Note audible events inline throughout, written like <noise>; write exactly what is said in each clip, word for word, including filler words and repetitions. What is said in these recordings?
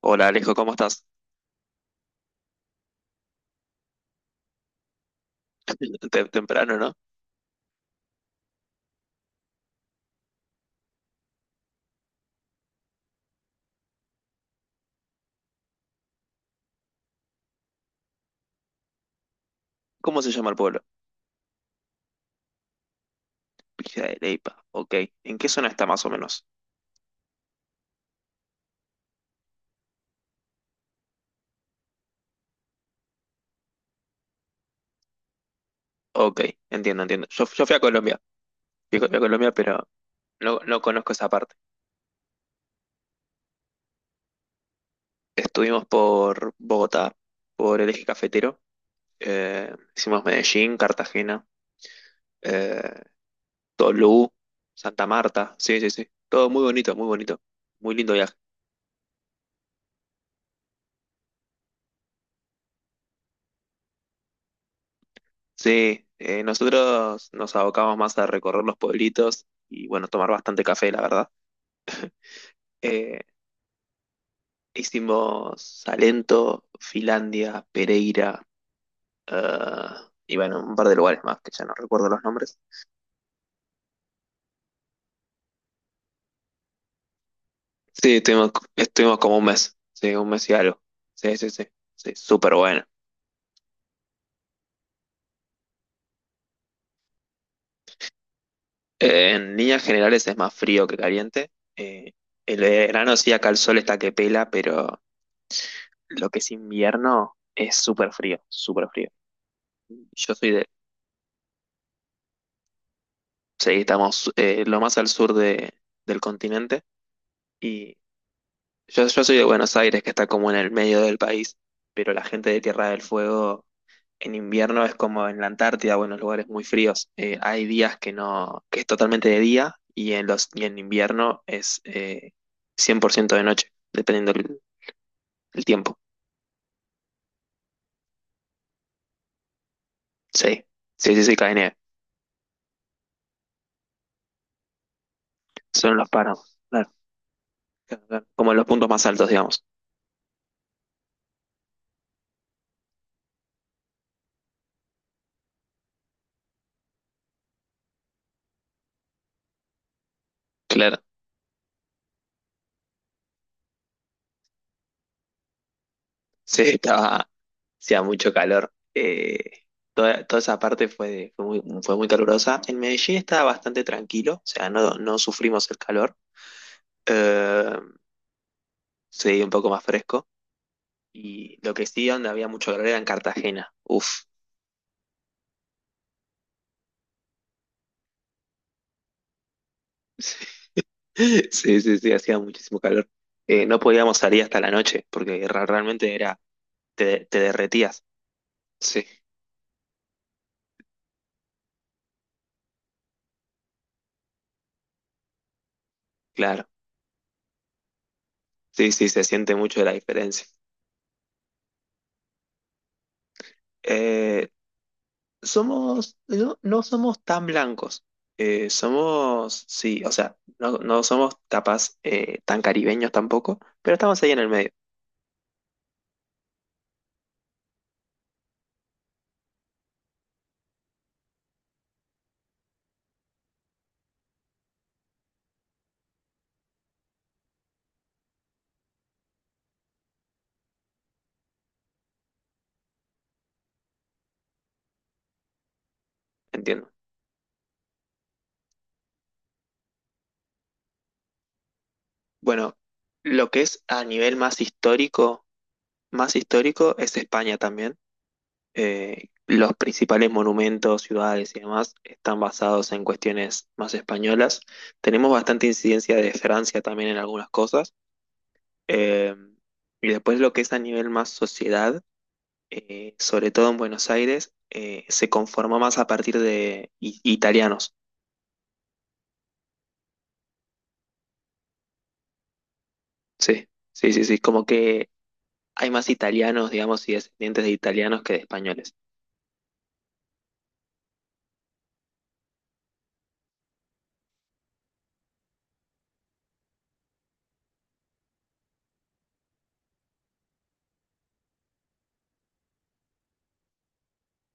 Hola Alejo, ¿cómo estás? <laughs> Tem- Temprano, ¿no? ¿Cómo se llama el pueblo? Villa de Leypa. Ok. ¿En qué zona está más o menos? Ok, entiendo, entiendo. Yo, yo fui a Colombia. Fui a Colombia, pero no, no conozco esa parte. Estuvimos por Bogotá, por el eje cafetero. Eh, hicimos Medellín, Cartagena, eh, Tolú, Santa Marta. Sí, sí, sí. Todo muy bonito, muy bonito. Muy lindo viaje. Sí, eh, nosotros nos abocamos más a recorrer los pueblitos y bueno, tomar bastante café, la verdad. Eh, Hicimos Salento, Finlandia, Pereira, ah, y bueno, un par de lugares más que ya no recuerdo los nombres. Sí, estuvimos, estuvimos como un mes, sí, un mes y algo. Sí, sí, sí, sí, súper bueno. Eh, en líneas generales es más frío que caliente. Eh, el verano sí, acá el sol está que pela, pero lo que es invierno es súper frío, súper frío. Yo soy de, sí, estamos eh, lo más al sur de, del continente y Yo, yo soy de Buenos Aires, que está como en el medio del país, pero la gente de Tierra del Fuego en invierno es como en la Antártida o en los lugares muy fríos. Eh, hay días que no, que es totalmente de día y en los, y en invierno es eh, cien por ciento de noche, dependiendo el, el tiempo. Sí, sí, sí, sí, cae nieve. Son los páramos, claro, claro, claro. Como en los puntos más altos, digamos. Claro. Sí, estaba, Hacía mucho calor. Eh, toda, toda esa parte fue, fue muy, fue muy calurosa. En Medellín estaba bastante tranquilo, o sea, no, no sufrimos el calor. Eh, sí, un poco más fresco. Y lo que sí, donde había mucho calor era en Cartagena. Uf, <laughs> sí, sí, sí, hacía muchísimo calor. Eh, no podíamos salir hasta la noche, porque ra- realmente era, te, te derretías. Sí, claro. Sí, sí, se siente mucho la diferencia. Eh, Somos, no, no somos tan blancos. Eh, somos, sí, o sea, no, no somos capaz eh, tan caribeños tampoco, pero estamos ahí en el medio, entiendo. Bueno, lo que es a nivel más histórico, más histórico es España también. Eh, los principales monumentos, ciudades y demás están basados en cuestiones más españolas. Tenemos bastante incidencia de Francia también en algunas cosas. Eh, y después lo que es a nivel más sociedad. Eh, sobre todo en Buenos Aires, eh, se conformó más a partir de i- italianos. Sí, sí, sí, sí, como que hay más italianos, digamos, y descendientes de italianos que de españoles.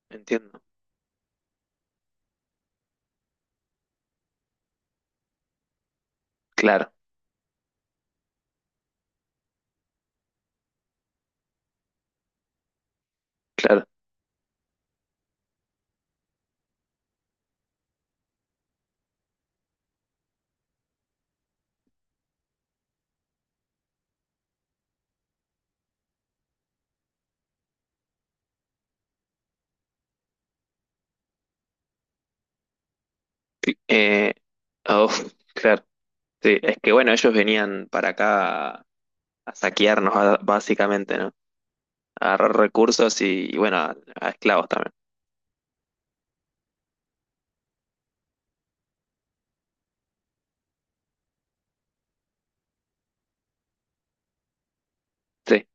Entiendo. Claro, claro. Eh, uf, <laughs> claro. Sí, es que bueno, ellos venían para acá a, a saquearnos, ba- básicamente, ¿no? A agarrar recursos y, y, bueno, a, a esclavos también. Sí.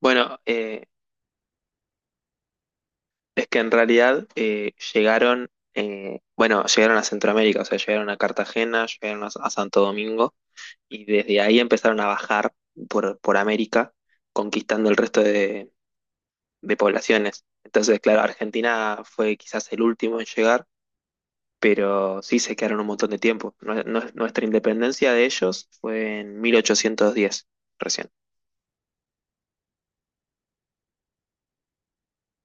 Bueno, eh, Es que en realidad eh, llegaron, eh, bueno, llegaron a Centroamérica, o sea, llegaron a Cartagena, llegaron a, a Santo Domingo y desde ahí empezaron a bajar por, por América, conquistando el resto de, de poblaciones. Entonces, claro, Argentina fue quizás el último en llegar, pero sí se quedaron un montón de tiempo. Nue- nue- Nuestra independencia de ellos fue en mil ochocientos diez, recién.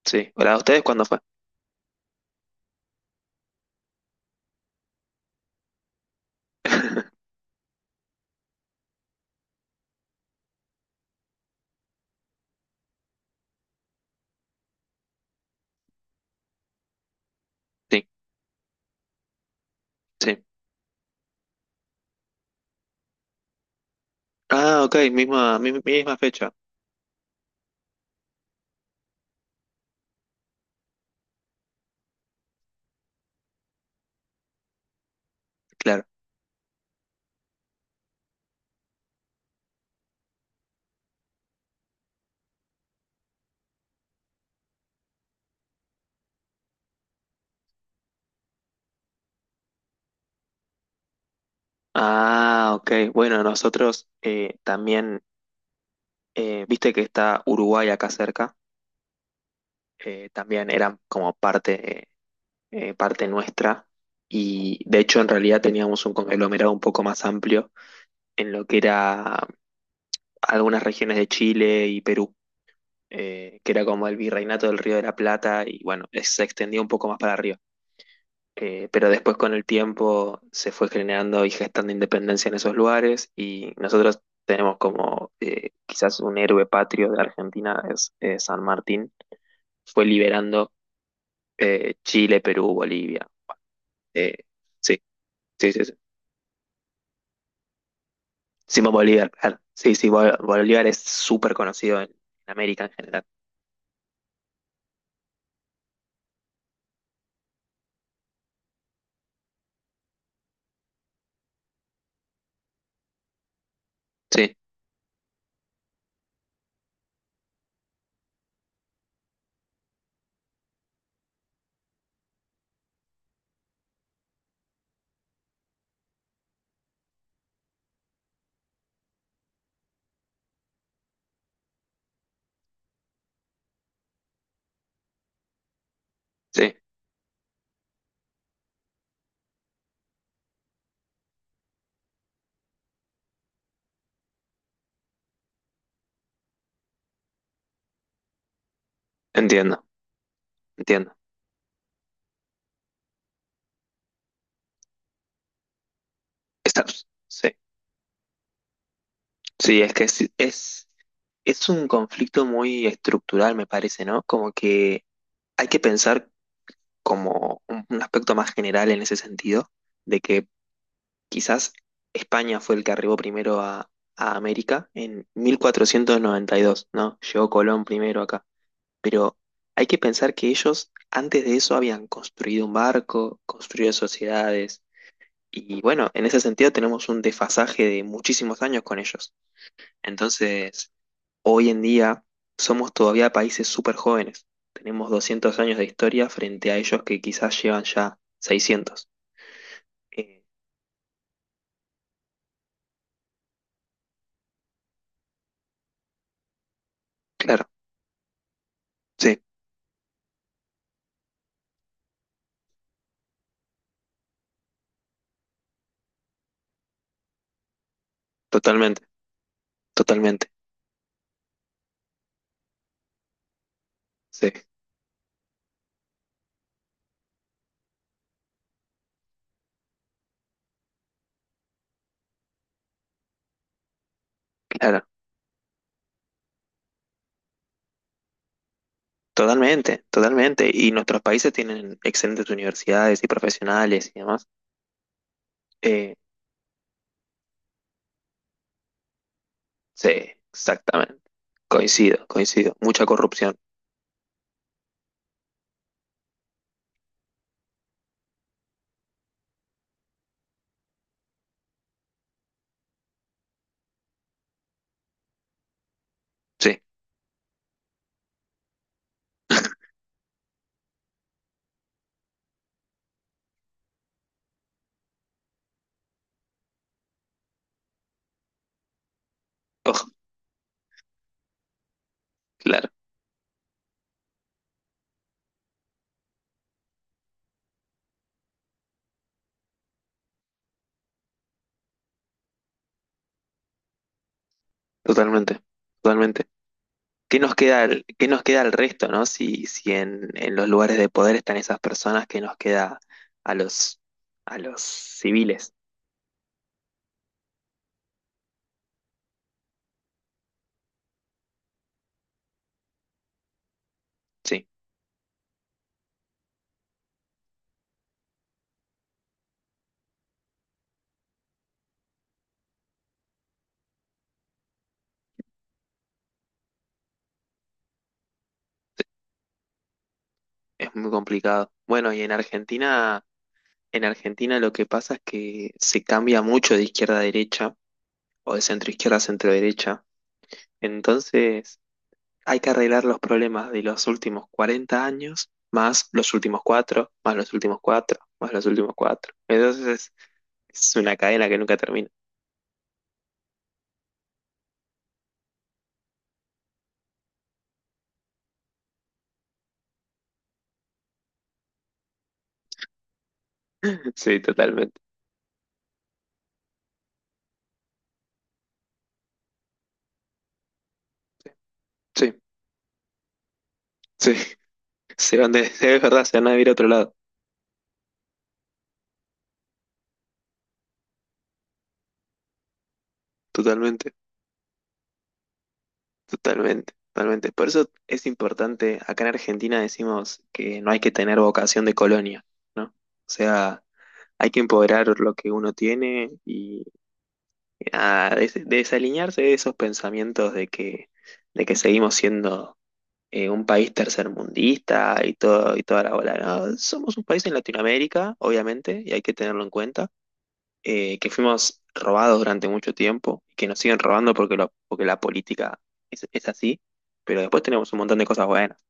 Sí. ¿O la de ustedes cuándo fue? Sí, sí. Ah, ok, misma, mi- misma fecha. Claro. Ah, ok. Bueno, nosotros eh, también, eh, viste que está Uruguay acá cerca, eh, también eran como parte, eh, parte nuestra y de hecho en realidad teníamos un conglomerado un poco más amplio en lo que era algunas regiones de Chile y Perú, eh, que era como el virreinato del Río de la Plata y bueno, se extendía un poco más para arriba. Eh, pero después con el tiempo se fue generando y gestando independencia en esos lugares y nosotros tenemos como eh, quizás un héroe patrio de Argentina, es eh, San Martín, fue liberando eh, Chile, Perú, Bolivia. Eh, sí, sí, sí, sí. Simón Bolívar, claro. Sí, sí, Bo- Bolívar es súper conocido en, en América en general. Sí, sí, entiendo, entiendo. Está- sí, sí, es que es, es, es un conflicto muy estructural, me parece, ¿no? Como que hay que pensar como un, un aspecto más general en ese sentido, de que quizás España fue el que arribó primero a, a América en mil cuatrocientos noventa y dos, ¿no? Llegó Colón primero acá, pero hay que pensar que ellos antes de eso habían construido un barco, construido sociedades, y bueno, en ese sentido tenemos un desfasaje de muchísimos años con ellos. Entonces, hoy en día somos todavía países súper jóvenes. Tenemos doscientos años de historia frente a ellos que quizás llevan ya seiscientos. Eh, claro, sí, totalmente, totalmente, sí, claro, totalmente, totalmente. Y nuestros países tienen excelentes universidades y profesionales y demás. Eh, sí, exactamente. Coincido, coincido. Mucha corrupción. Sí, oh, claro, totalmente, totalmente. ¿Qué nos queda, ¿qué nos queda al resto, ¿no? Si, si en, en los lugares de poder están esas personas, ¿qué nos queda a los, a los civiles? Sí, es muy complicado. Bueno, y en Argentina, en Argentina lo que pasa es que se cambia mucho de izquierda a derecha o de centro izquierda a centro derecha. Entonces, hay que arreglar los problemas de los últimos cuarenta años, más los últimos cuatro, más los últimos cuatro, más los últimos cuatro. Entonces, es es una cadena que nunca termina. <laughs> Sí, totalmente. Sí, sí, <laughs> se van de, <laughs> es verdad, se van a ir a otro lado, totalmente, totalmente, totalmente. Por eso es importante, acá en Argentina decimos que no hay que tener vocación de colonia, ¿no? O sea, hay que empoderar lo que uno tiene y ah, des- desalinearse de esos pensamientos de que, de que seguimos siendo eh, un país tercermundista y todo, y toda la bola, ¿no? Somos un país en Latinoamérica, obviamente, y hay que tenerlo en cuenta eh, que fuimos robados durante mucho tiempo, que nos siguen robando porque, lo- porque la política es, es así, pero después tenemos un montón de cosas buenas.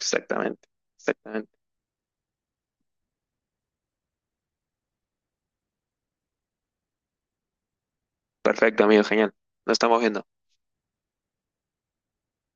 Exactamente, exactamente. Perfecto, amigo, genial. Nos estamos viendo.